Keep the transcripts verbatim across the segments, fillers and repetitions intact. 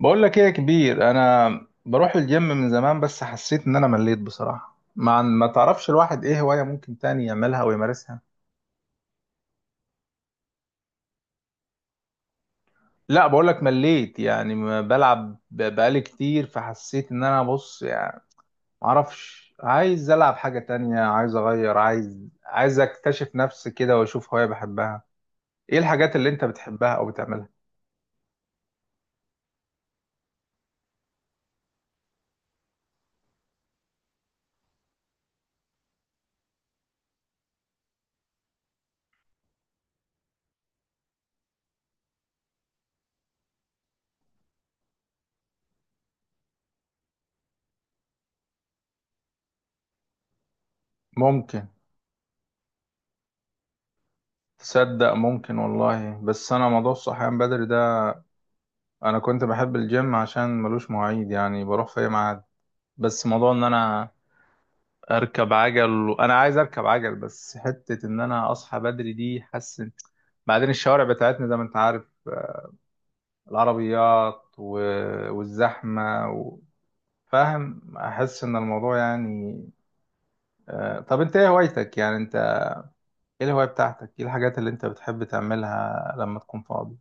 بقول لك ايه يا كبير، انا بروح الجيم من زمان بس حسيت ان انا مليت بصراحة. ما ما تعرفش الواحد ايه هواية ممكن تاني يعملها ويمارسها. لا بقول لك مليت، يعني ما بلعب ب- بقالي كتير، فحسيت ان انا بص يعني ما اعرفش. عايز العب حاجة تانية، عايز اغير، عايز عايز اكتشف نفسي كده واشوف هواية بحبها. ايه الحاجات اللي انت بتحبها او بتعملها؟ ممكن. تصدق ممكن والله، بس انا موضوع الصحيان بدري ده، انا كنت بحب الجيم عشان ملوش مواعيد، يعني بروح في اي ميعاد. بس موضوع ان انا اركب عجل، وانا عايز اركب عجل، بس حتة ان انا اصحى بدري دي حاسس إن- بعدين الشوارع بتاعتنا زي ما انت عارف، العربيات و... والزحمة و... فاهم، احس ان الموضوع يعني. آه، طب انت ايه هوايتك يعني انت؟ ايه الهواية بتاعتك؟ ايه الحاجات اللي انت بتحب تعملها لما تكون فاضي؟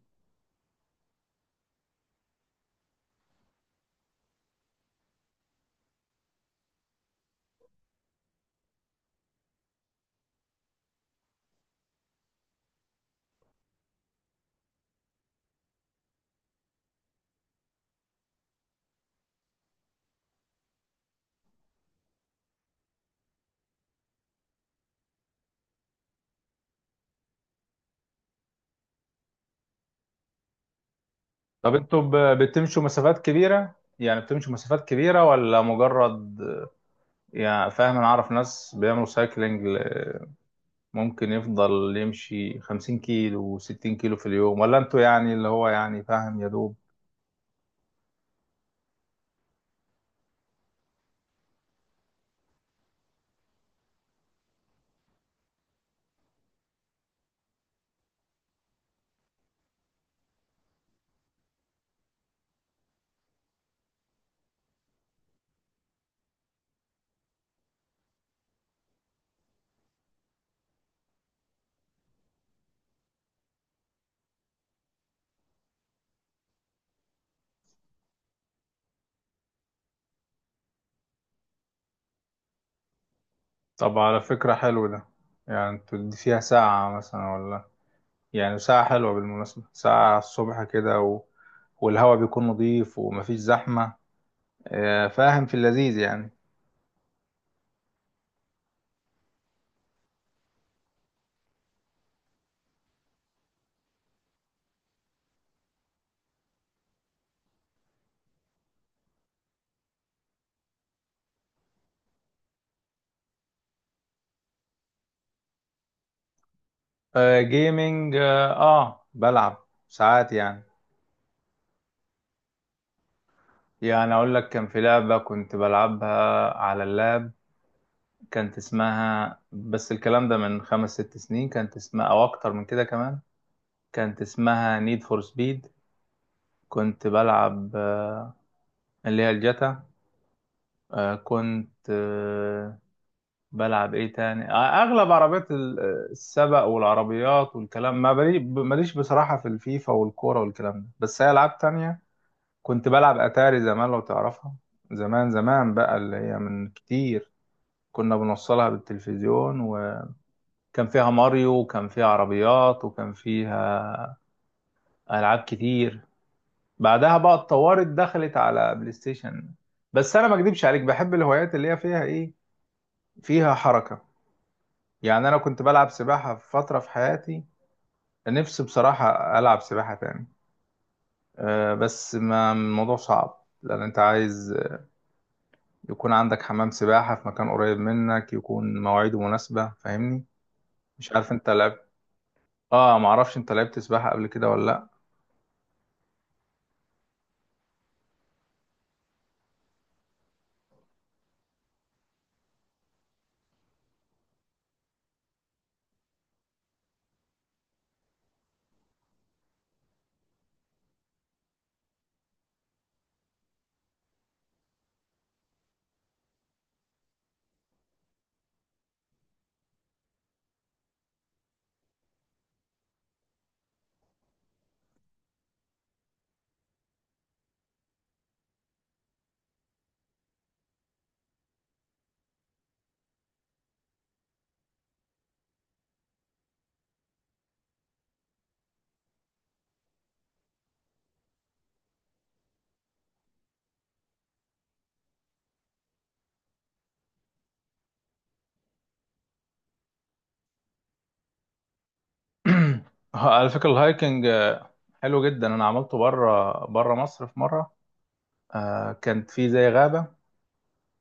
طب انتوا ب... بتمشوا مسافات كبيرة؟ يعني بتمشوا مسافات كبيرة ولا مجرد آه، يعني فاهم؟ انا اعرف ناس بيعملوا سايكلينج ممكن يفضل يمشي 50 كيلو و60 كيلو في اليوم، ولا انتوا يعني اللي هو يعني فاهم يا دوب؟ طب على فكرة حلو ده. يعني انتوا دي فيها ساعة مثلا ولا؟ يعني ساعة حلوة بالمناسبة، ساعة الصبح كده و... والهواء بيكون نظيف ومفيش زحمة. آه، فاهم، في اللذيذ يعني. آه، جيمينج، اه، آه، بلعب ساعات يعني. يعني اقول لك كان في لعبة كنت بلعبها على اللاب، كانت اسمها، بس الكلام ده من خمس ست سنين، كانت اسمها، او اكتر من كده كمان، كانت اسمها نيد فور سبيد. كنت بلعب آه، اللي هي الجاتا. آه، كنت آه، بلعب ايه تاني؟ آه، اغلب عربيات ال- آه، السبق والعربيات والكلام. ما بلي- ماليش بصراحة في الفيفا والكورة والكلام ده، بس هي العاب تانية. كنت بلعب اتاري زمان لو تعرفها. زمان زمان بقى، اللي هي من كتير، كنا بنوصلها بالتلفزيون. كان فيها ماريو، وكان فيها عربيات، وكان فيها ألعاب كتير. بعدها بقى اتطورت، دخلت على بلاي ستيشن. بس أنا ما أكدبش عليك، بحب الهوايات اللي هي فيها إيه، فيها حركة. يعني أنا كنت بلعب سباحة في فترة في حياتي، نفسي بصراحة ألعب سباحة تاني. أه بس ما الموضوع صعب، لأن أنت عايز يكون عندك حمام سباحة في مكان قريب منك، يكون مواعيده مناسبة، فاهمني؟ مش عارف أنت لعبت، آه معرفش أنت لعبت سباحة قبل كده ولا لأ. على فكرة الهايكنج آه، حلو جدا. انا عملته بره بره مصر في مرة. آه، كانت في زي غابة،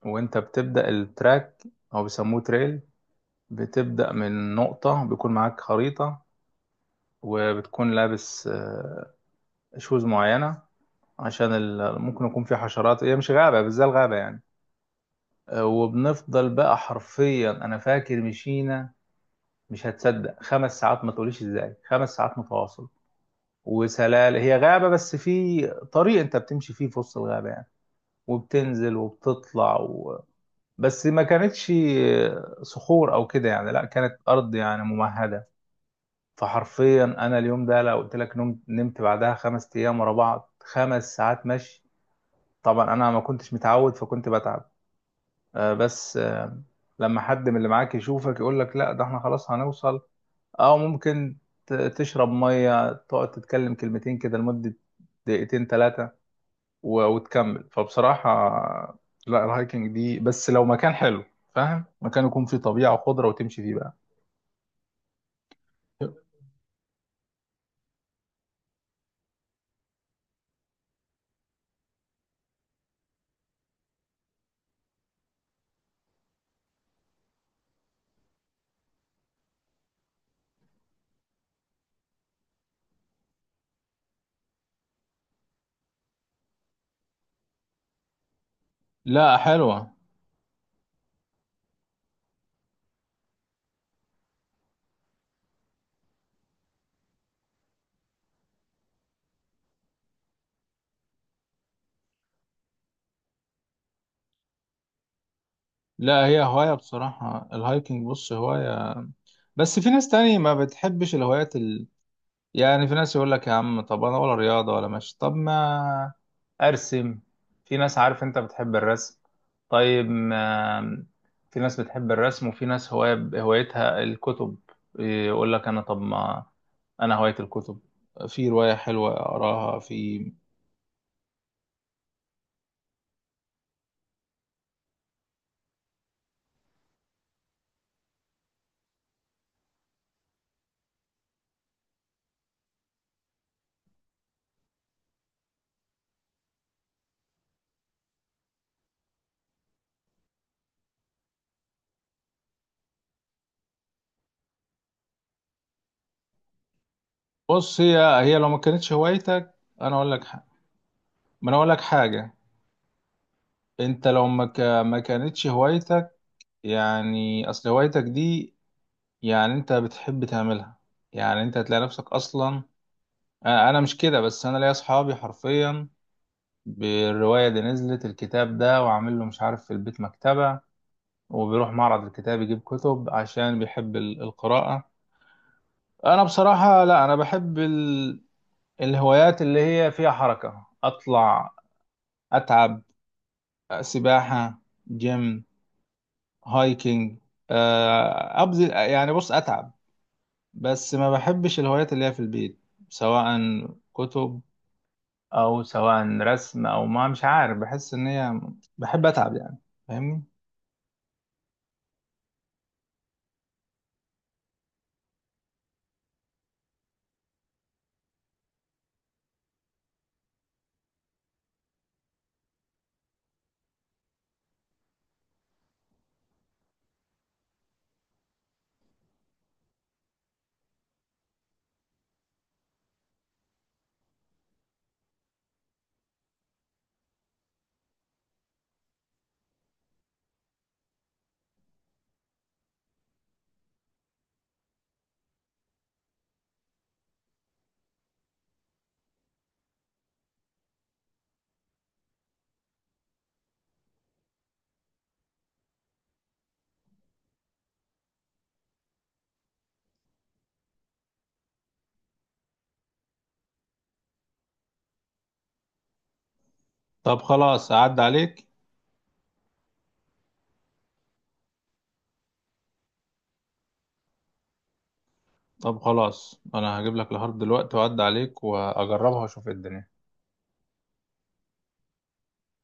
وانت بتبدأ التراك او بيسموه تريل، بتبدأ من نقطة، بيكون معاك خريطة، وبتكون لابس آه، شوز معينة عشان ال- ممكن يكون في حشرات، هي مش غابة بس زي الغابة يعني. آه، وبنفضل بقى حرفيا، انا فاكر مشينا، مش هتصدق، خمس ساعات، ما تقوليش ازاي، خمس ساعات متواصل. وسلال هي غابة، بس في طريق انت بتمشي فيه في وسط الغابة يعني، وبتنزل وبتطلع و... بس ما كانتش صخور او كده يعني، لا كانت ارض يعني ممهدة. فحرفيا انا اليوم ده لو قلت لك نمت، نمت بعدها خمس ايام ورا بعض. خمس ساعات مشي، طبعا انا ما كنتش متعود فكنت بتعب. آه، بس آه، لما حد من اللي معاك يشوفك يقول لك لا ده احنا خلاص هنوصل، او ممكن ت- تشرب مية، تقعد تتكلم كلمتين كده لمدة دقيقتين ثلاثة و- وتكمل. فبصراحة لا، الهايكنج دي بس لو مكان حلو، فاهم، مكان يكون فيه طبيعة وخضرة وتمشي فيه بقى. لا حلوة. لا هي هواية بصراحة، الهايكنج بص هواية. بس في ناس تاني ما بتحبش الهوايات، يعني في ناس يقول لك يا عم طب انا ولا رياضه ولا ماشي، طب ما ارسم. في ناس عارف انت بتحب الرسم، طيب ما، في ناس بتحب الرسم، وفي ناس هواية هوايتها الكتب، يقول لك انا طب ما انا هوايتي الكتب، في روايه حلوه اقراها في. بص هي، هي لو ما كانتش هوايتك، انا اقول لك ح... ما انا اقول لك حاجه، انت لو ما ك... ما كانتش هوايتك، يعني اصل هوايتك دي يعني انت بتحب تعملها، يعني انت هتلاقي نفسك اصلا. انا أنا مش كده، بس انا ليا اصحابي حرفيا بالروايه دي، نزلت الكتاب ده وعامل له مش عارف في البيت مكتبه، وبيروح معرض الكتاب يجيب كتب عشان بيحب ال- القراءه. انا بصراحه لا، انا بحب ال... الهوايات اللي هي فيها حركه، اطلع، اتعب، سباحه، جيم، هايكنج، آه، ابذل يعني، بص اتعب. بس ما بحبش الهوايات اللي هي في البيت، سواء كتب او سواء رسم، او ما مش عارف، بحس ان هي، بحب اتعب يعني، فاهمني؟ طب خلاص اعد عليك. طب خلاص انا هجيب لك الهارد دلوقتي واعد عليك واجربها واشوف إيه الدنيا.